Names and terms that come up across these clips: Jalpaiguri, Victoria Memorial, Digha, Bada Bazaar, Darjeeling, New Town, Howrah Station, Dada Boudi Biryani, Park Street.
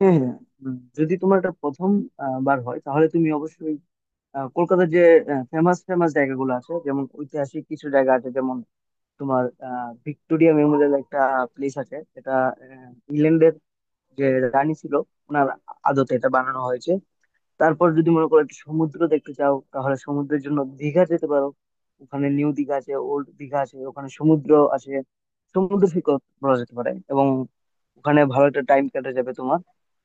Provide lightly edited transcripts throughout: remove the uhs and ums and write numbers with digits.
হ্যাঁ হ্যাঁ যদি তোমার এটা প্রথম বার হয় তাহলে তুমি অবশ্যই কলকাতার যে ফেমাস ফেমাস জায়গাগুলো আছে, যেমন ঐতিহাসিক কিছু জায়গা আছে, যেমন তোমার ভিক্টোরিয়া মেমোরিয়াল একটা প্লেস আছে। এটা ইংল্যান্ডের যে রানী ছিল ওনার আদতে এটা বানানো হয়েছে। তারপর যদি মনে করো একটা সমুদ্র দেখতে চাও তাহলে সমুদ্রের জন্য দীঘা যেতে পারো। ওখানে নিউ দীঘা আছে, ওল্ড দীঘা আছে, ওখানে সমুদ্র আছে, সমুদ্র সৈকত বলা যেতে পারে। এবং ওখানে ভালো একটা টাইম কেটে যাবে তোমার।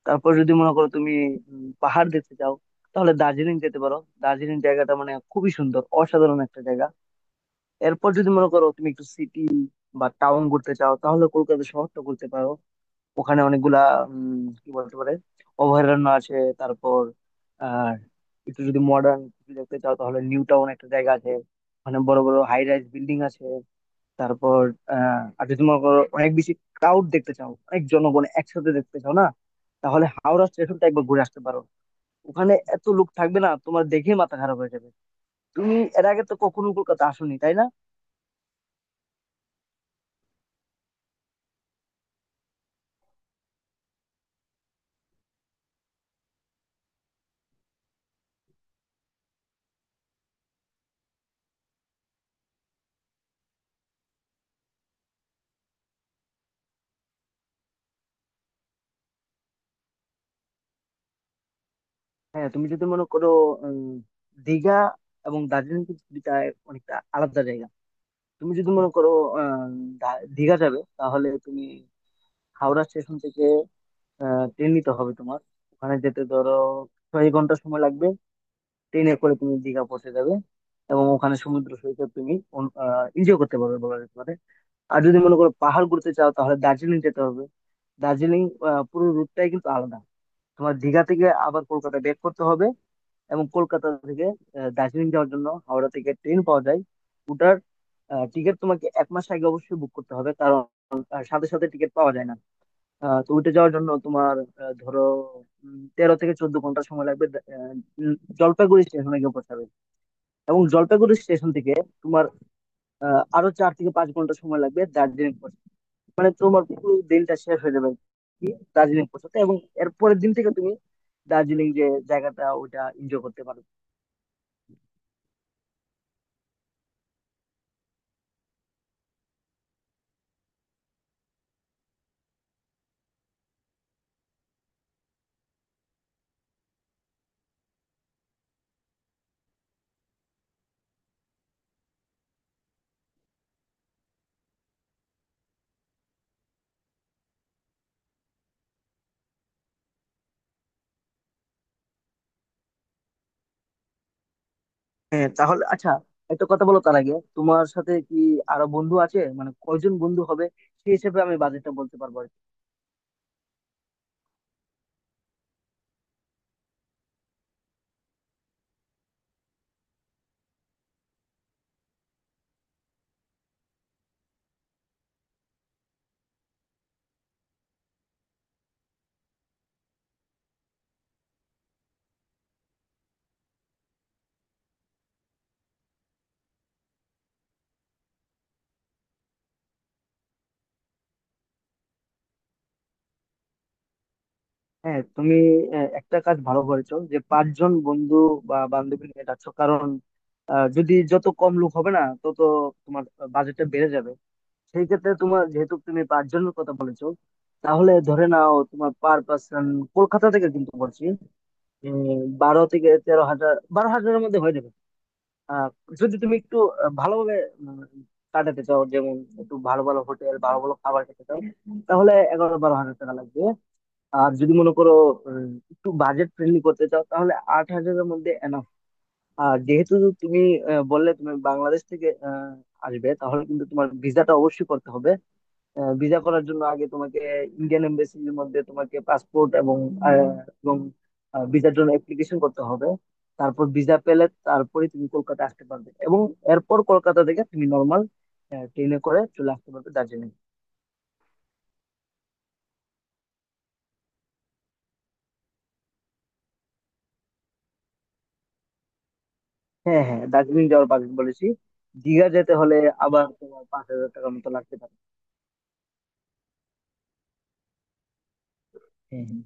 তারপর যদি মনে করো তুমি পাহাড় দেখতে চাও তাহলে দার্জিলিং যেতে পারো। দার্জিলিং জায়গাটা মানে খুবই সুন্দর, অসাধারণ একটা জায়গা। এরপর যদি মনে করো তুমি একটু সিটি বা টাউন ঘুরতে চাও তাহলে কলকাতা শহরটা ঘুরতে পারো। ওখানে অনেকগুলা কি বলতে পারে, অভয়ারণ্য আছে। তারপর আর একটু যদি মডার্ন দেখতে চাও তাহলে নিউ টাউন একটা জায়গা আছে। ওখানে বড় বড় হাই রাইজ বিল্ডিং আছে। তারপর আর যদি মনে করো অনেক বেশি ক্রাউড দেখতে চাও, অনেক জনগণ একসাথে দেখতে চাও না, তাহলে হাওড়া স্টেশনটা একবার ঘুরে আসতে পারো। ওখানে এত লোক থাকবে, না তোমার দেখেই মাথা খারাপ হয়ে যাবে। তুমি এর আগে তো কখনো কলকাতা আসোনি তাই না? হ্যাঁ, তুমি যদি মনে করো উম, দীঘা এবং দার্জিলিং কিন্তু দুইটা অনেকটা আলাদা জায়গা। তুমি যদি মনে করো আহ, দীঘা যাবে তাহলে তুমি হাওড়া স্টেশন থেকে ট্রেন নিতে হবে তোমার। ওখানে যেতে ধরো 6 ঘন্টা সময় লাগবে, ট্রেনে করে তুমি দীঘা পৌঁছে যাবে। এবং ওখানে সমুদ্র সৈকত তুমি এনজয় করতে পারবে বলা যেতে পারে। আর যদি মনে করো পাহাড় ঘুরতে চাও তাহলে দার্জিলিং যেতে হবে। দার্জিলিং পুরো রুটটাই কিন্তু আলাদা। তোমার দীঘা থেকে আবার কলকাতা ব্যাক করতে হবে, এবং কলকাতা থেকে দার্জিলিং যাওয়ার জন্য হাওড়া থেকে ট্রেন পাওয়া যায়। ওটার টিকিট তোমাকে 1 মাস আগে অবশ্যই বুক করতে হবে, কারণ সাথে সাথে টিকিট পাওয়া যায় না। তো ওইটা যাওয়ার জন্য তোমার ধরো 13 থেকে 14 ঘন্টা সময় লাগবে। আহ, জলপাইগুড়ি স্টেশনে গিয়ে পৌঁছাবে, এবং জলপাইগুড়ি স্টেশন থেকে তোমার আরো 4 থেকে 5 ঘন্টা সময় লাগবে দার্জিলিং পৌঁছাতে। মানে তোমার পুরো দিনটা শেষ হয়ে যাবে আর কি দার্জিলিং পৌঁছাতে। এবং এরপরের দিন থেকে তুমি দার্জিলিং যে জায়গাটা ওটা এনজয় করতে পারবে। হ্যাঁ, তাহলে আচ্ছা, একটা কথা বলো তার আগে, তোমার সাথে কি আরো বন্ধু আছে, মানে কয়জন বন্ধু হবে? সেই হিসেবে আমি বাজেটটা বলতে পারবো আর কি। হ্যাঁ, তুমি একটা কাজ ভালো করেছো যে পাঁচজন বন্ধু বা বান্ধবী নিয়ে যাচ্ছ, কারণ যদি যত কম লোক হবে না তত তোমার বাজেটটা বেড়ে যাবে। সেই ক্ষেত্রে তোমার, যেহেতু তুমি পাঁচজনের কথা বলেছো, তাহলে ধরে নাও তোমার পার পার্সন কলকাতা থেকে কিন্তু বলছি 12 থেকে 13 হাজার, 12 হাজারের মধ্যে হয়ে যাবে। আহ, যদি তুমি একটু ভালোভাবে উম, কাটাতে চাও, যেমন একটু ভালো ভালো হোটেল, ভালো ভালো খাবার খেতে চাও, তাহলে 11 12 হাজার টাকা লাগবে। আর যদি মনে করো একটু বাজেট ফ্রেন্ডলি করতে চাও তাহলে 8 হাজারের মধ্যে এনাফ। আর যেহেতু তুমি বললে তুমি বাংলাদেশ থেকে আসবে, তাহলে কিন্তু তোমার ভিসাটা অবশ্যই করতে হবে। ভিসা করার জন্য আগে তোমাকে ইন্ডিয়ান এমবাসির মধ্যে তোমাকে পাসপোর্ট এবং আহ, এবং ভিসার জন্য অ্যাপ্লিকেশন করতে হবে। তারপর ভিসা পেলে তারপরে তুমি কলকাতা আসতে পারবে, এবং এরপর কলকাতা থেকে তুমি নর্মাল ট্রেনে করে চলে আসতে পারবে দার্জিলিং। হ্যাঁ হ্যাঁ, দার্জিলিং যাওয়ার বাজেট বলেছি। দীঘা যেতে হলে আবার তোমার 5 হাজার টাকার মতো লাগতে পারে। হ্যাঁ হ্যাঁ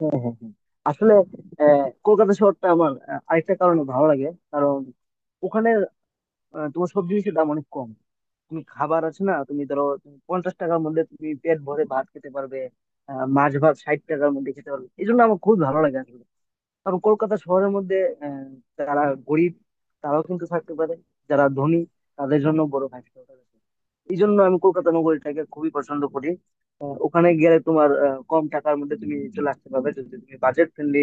হ্যাঁ হ্যাঁ হ্যাঁ। আসলে কলকাতা শহরটা আমার আরেকটা কারণে ভালো লাগে। কারণ ওখানে তোমার সব জিনিসের দাম অনেক কম। তুমি খাবার আছে না, তুমি ধরো তুমি 50 টাকার মধ্যে তুমি পেট ভরে ভাত খেতে পারবে। মাছ ভাত 60 টাকার মধ্যে খেতে পারবে, এই জন্য আমার খুব ভালো লাগে আসলে। কারণ কলকাতা শহরের মধ্যে আহ, যারা গরিব তারাও কিন্তু থাকতে পারে, যারা ধনী তাদের জন্য বড় হাসপাতাল আছে। এই জন্য আমি কলকাতা নগরীটাকে খুবই পছন্দ করি। ওখানে গেলে তোমার কম টাকার মধ্যে তুমি চলে আসতে পারবে যদি তুমি বাজেট ফ্রেন্ডলি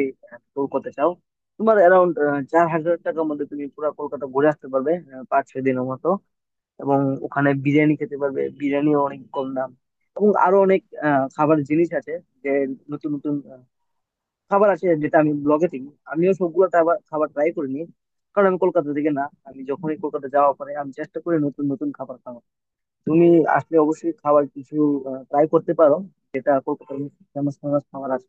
ট্যুর করতে চাও। তোমার অ্যারাউন্ড 4 হাজার টাকার মধ্যে তুমি পুরো কলকাতা ঘুরে আসতে পারবে, 5 6 দিনের মতো। এবং ওখানে বিরিয়ানি খেতে পারবে, বিরিয়ানিও অনেক কম দাম। এবং আরো অনেক খাবার জিনিস আছে, যে নতুন নতুন খাবার আছে যেটা আমি ব্লগে দেখি। আমিও সবগুলো খাবার ট্রাই করিনি, কারণ আমি কলকাতা থেকে না। আমি যখনই কলকাতা যাওয়া পরে আমি চেষ্টা করি নতুন নতুন খাবার খাওয়ার। তুমি আসলে অবশ্যই খাবার কিছু ট্রাই করতে পারো, যেটা কলকাতার ফেমাস ফেমাস খাবার আছে।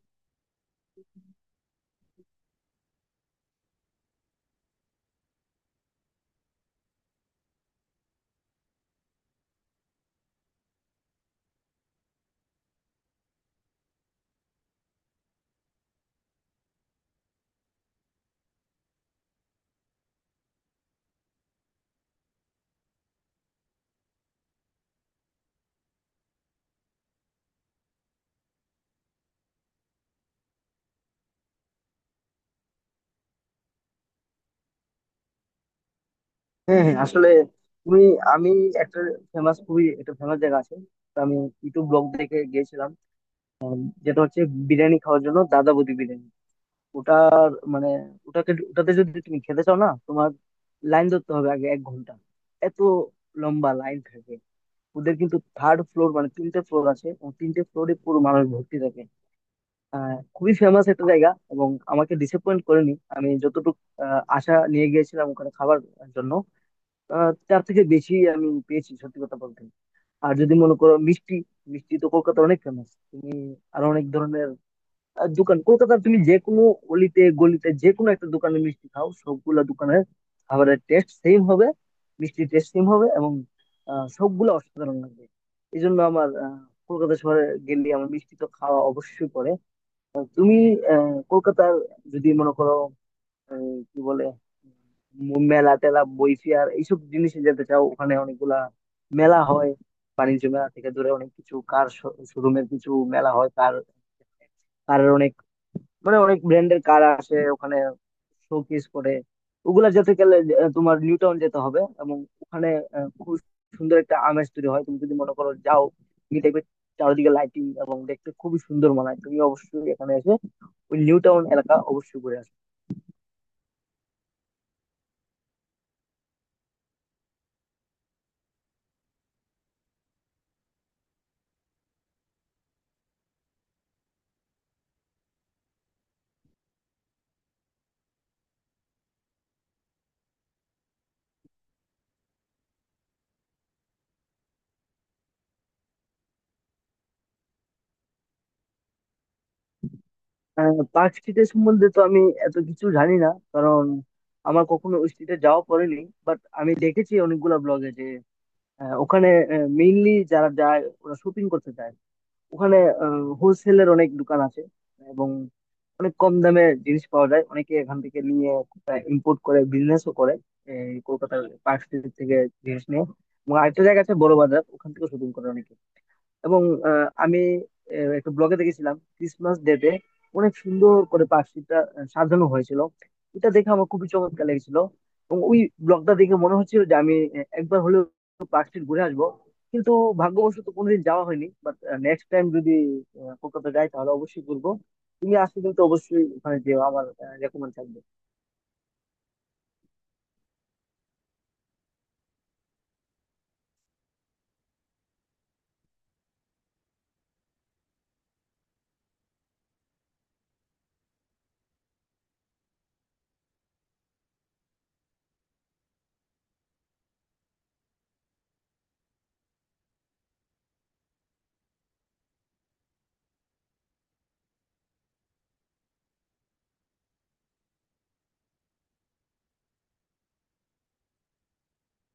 হ্যাঁ হ্যাঁ, আসলে তুমি, আমি, একটা ফেমাস, খুবই একটা ফেমাস জায়গা আছে। তো আমি ইউটিউব ব্লগ দেখে গিয়েছিলাম, যেটা হচ্ছে বিরিয়ানি খাওয়ার জন্য দাদা বৌদি বিরিয়ানি। ওটার মানে ওটাকে ওটাতে যদি তুমি খেতে চাও না, তোমার লাইন ধরতে হবে আগে 1 ঘন্টা, এত লম্বা লাইন থাকে। ওদের কিন্তু থার্ড ফ্লোর, মানে তিনটে ফ্লোর আছে, এবং তিনটে ফ্লোরে পুরো মানুষ ভর্তি থাকে। আহ খুবই ফেমাস একটা জায়গা, এবং আমাকে ডিসঅ্যাপয়েন্ট করেনি। আমি যতটুকু আশা নিয়ে গিয়েছিলাম ওখানে খাবার জন্য, তার থেকে বেশি আমি পেয়েছি সত্যি কথা বলতে। আর যদি মনে করো মিষ্টি, মিষ্টি তো কলকাতার অনেক ফেমাস। তুমি আরো অনেক ধরনের দোকান কলকাতার, তুমি যে কোনো অলিতে গলিতে যে কোনো একটা দোকানে মিষ্টি খাও, সবগুলা দোকানের খাবারের টেস্ট সেম হবে, মিষ্টির টেস্ট সেম হবে, এবং সবগুলা অসাধারণ লাগবে। এই জন্য আমার কলকাতা শহরে গেলে আমার মিষ্টি তো খাওয়া অবশ্যই পড়ে। তুমি কলকাতার যদি মনে করো আহ, কি বলে মেলা টেলা, বই ফেয়ার, এইসব জিনিসে যেতে চাও, ওখানে অনেকগুলা মেলা হয়। বাণিজ্য মেলা থেকে দূরে অনেক কিছু, কার শোরুমের কিছু মেলা হয়, কারের অনেক, মানে অনেক ব্র্যান্ডের কার আসে ওখানে, শোকেস করে। ওগুলা যেতে গেলে তোমার নিউ টাউন যেতে হবে, এবং ওখানে খুব সুন্দর একটা আমেজ তৈরি হয়। তুমি যদি মনে করো যাও, তুমি দেখবে চারিদিকে লাইটিং, এবং দেখতে খুবই সুন্দর মনে হয়। তুমি অবশ্যই এখানে এসে ওই নিউ টাউন এলাকা অবশ্যই ঘুরে আসবে। পার্ক স্ট্রিটের সম্বন্ধে তো আমি এত কিছু জানি না, কারণ আমার কখনো ওই স্ট্রিটে যাওয়া পড়েনি। বাট আমি দেখেছি অনেকগুলা ব্লগে যে ওখানে মেইনলি যারা যায় ওরা শপিং করতে যায়। ওখানে হোলসেলের অনেক দোকান আছে, এবং অনেক কম দামে জিনিস পাওয়া যায়। অনেকে এখান থেকে নিয়ে ইম্পোর্ট করে বিজনেসও করে এই কলকাতার পার্ক স্ট্রিট থেকে জিনিস নিয়ে। এবং আরেকটা জায়গা আছে বড় বাজার, ওখান থেকে শপিং করে অনেকে। এবং আমি একটা ব্লগে দেখেছিলাম ক্রিসমাস ডেতে অনেক সুন্দর করে পাখিটা সাজানো হয়েছিল। এটা দেখে আমার খুবই চমৎকার লেগেছিল, এবং ওই ব্লগটা দেখে মনে হচ্ছিল যে আমি একবার হলেও পার্ক স্ট্রিট ঘুরে আসবো। কিন্তু ভাগ্যবশত কোনোদিন যাওয়া হয়নি। বাট নেক্সট টাইম যদি কলকাতা যাই তাহলে অবশ্যই ঘুরবো। তুমি আসলে কিন্তু অবশ্যই ওখানে যেও, আমার রেকমেন্ড থাকবে।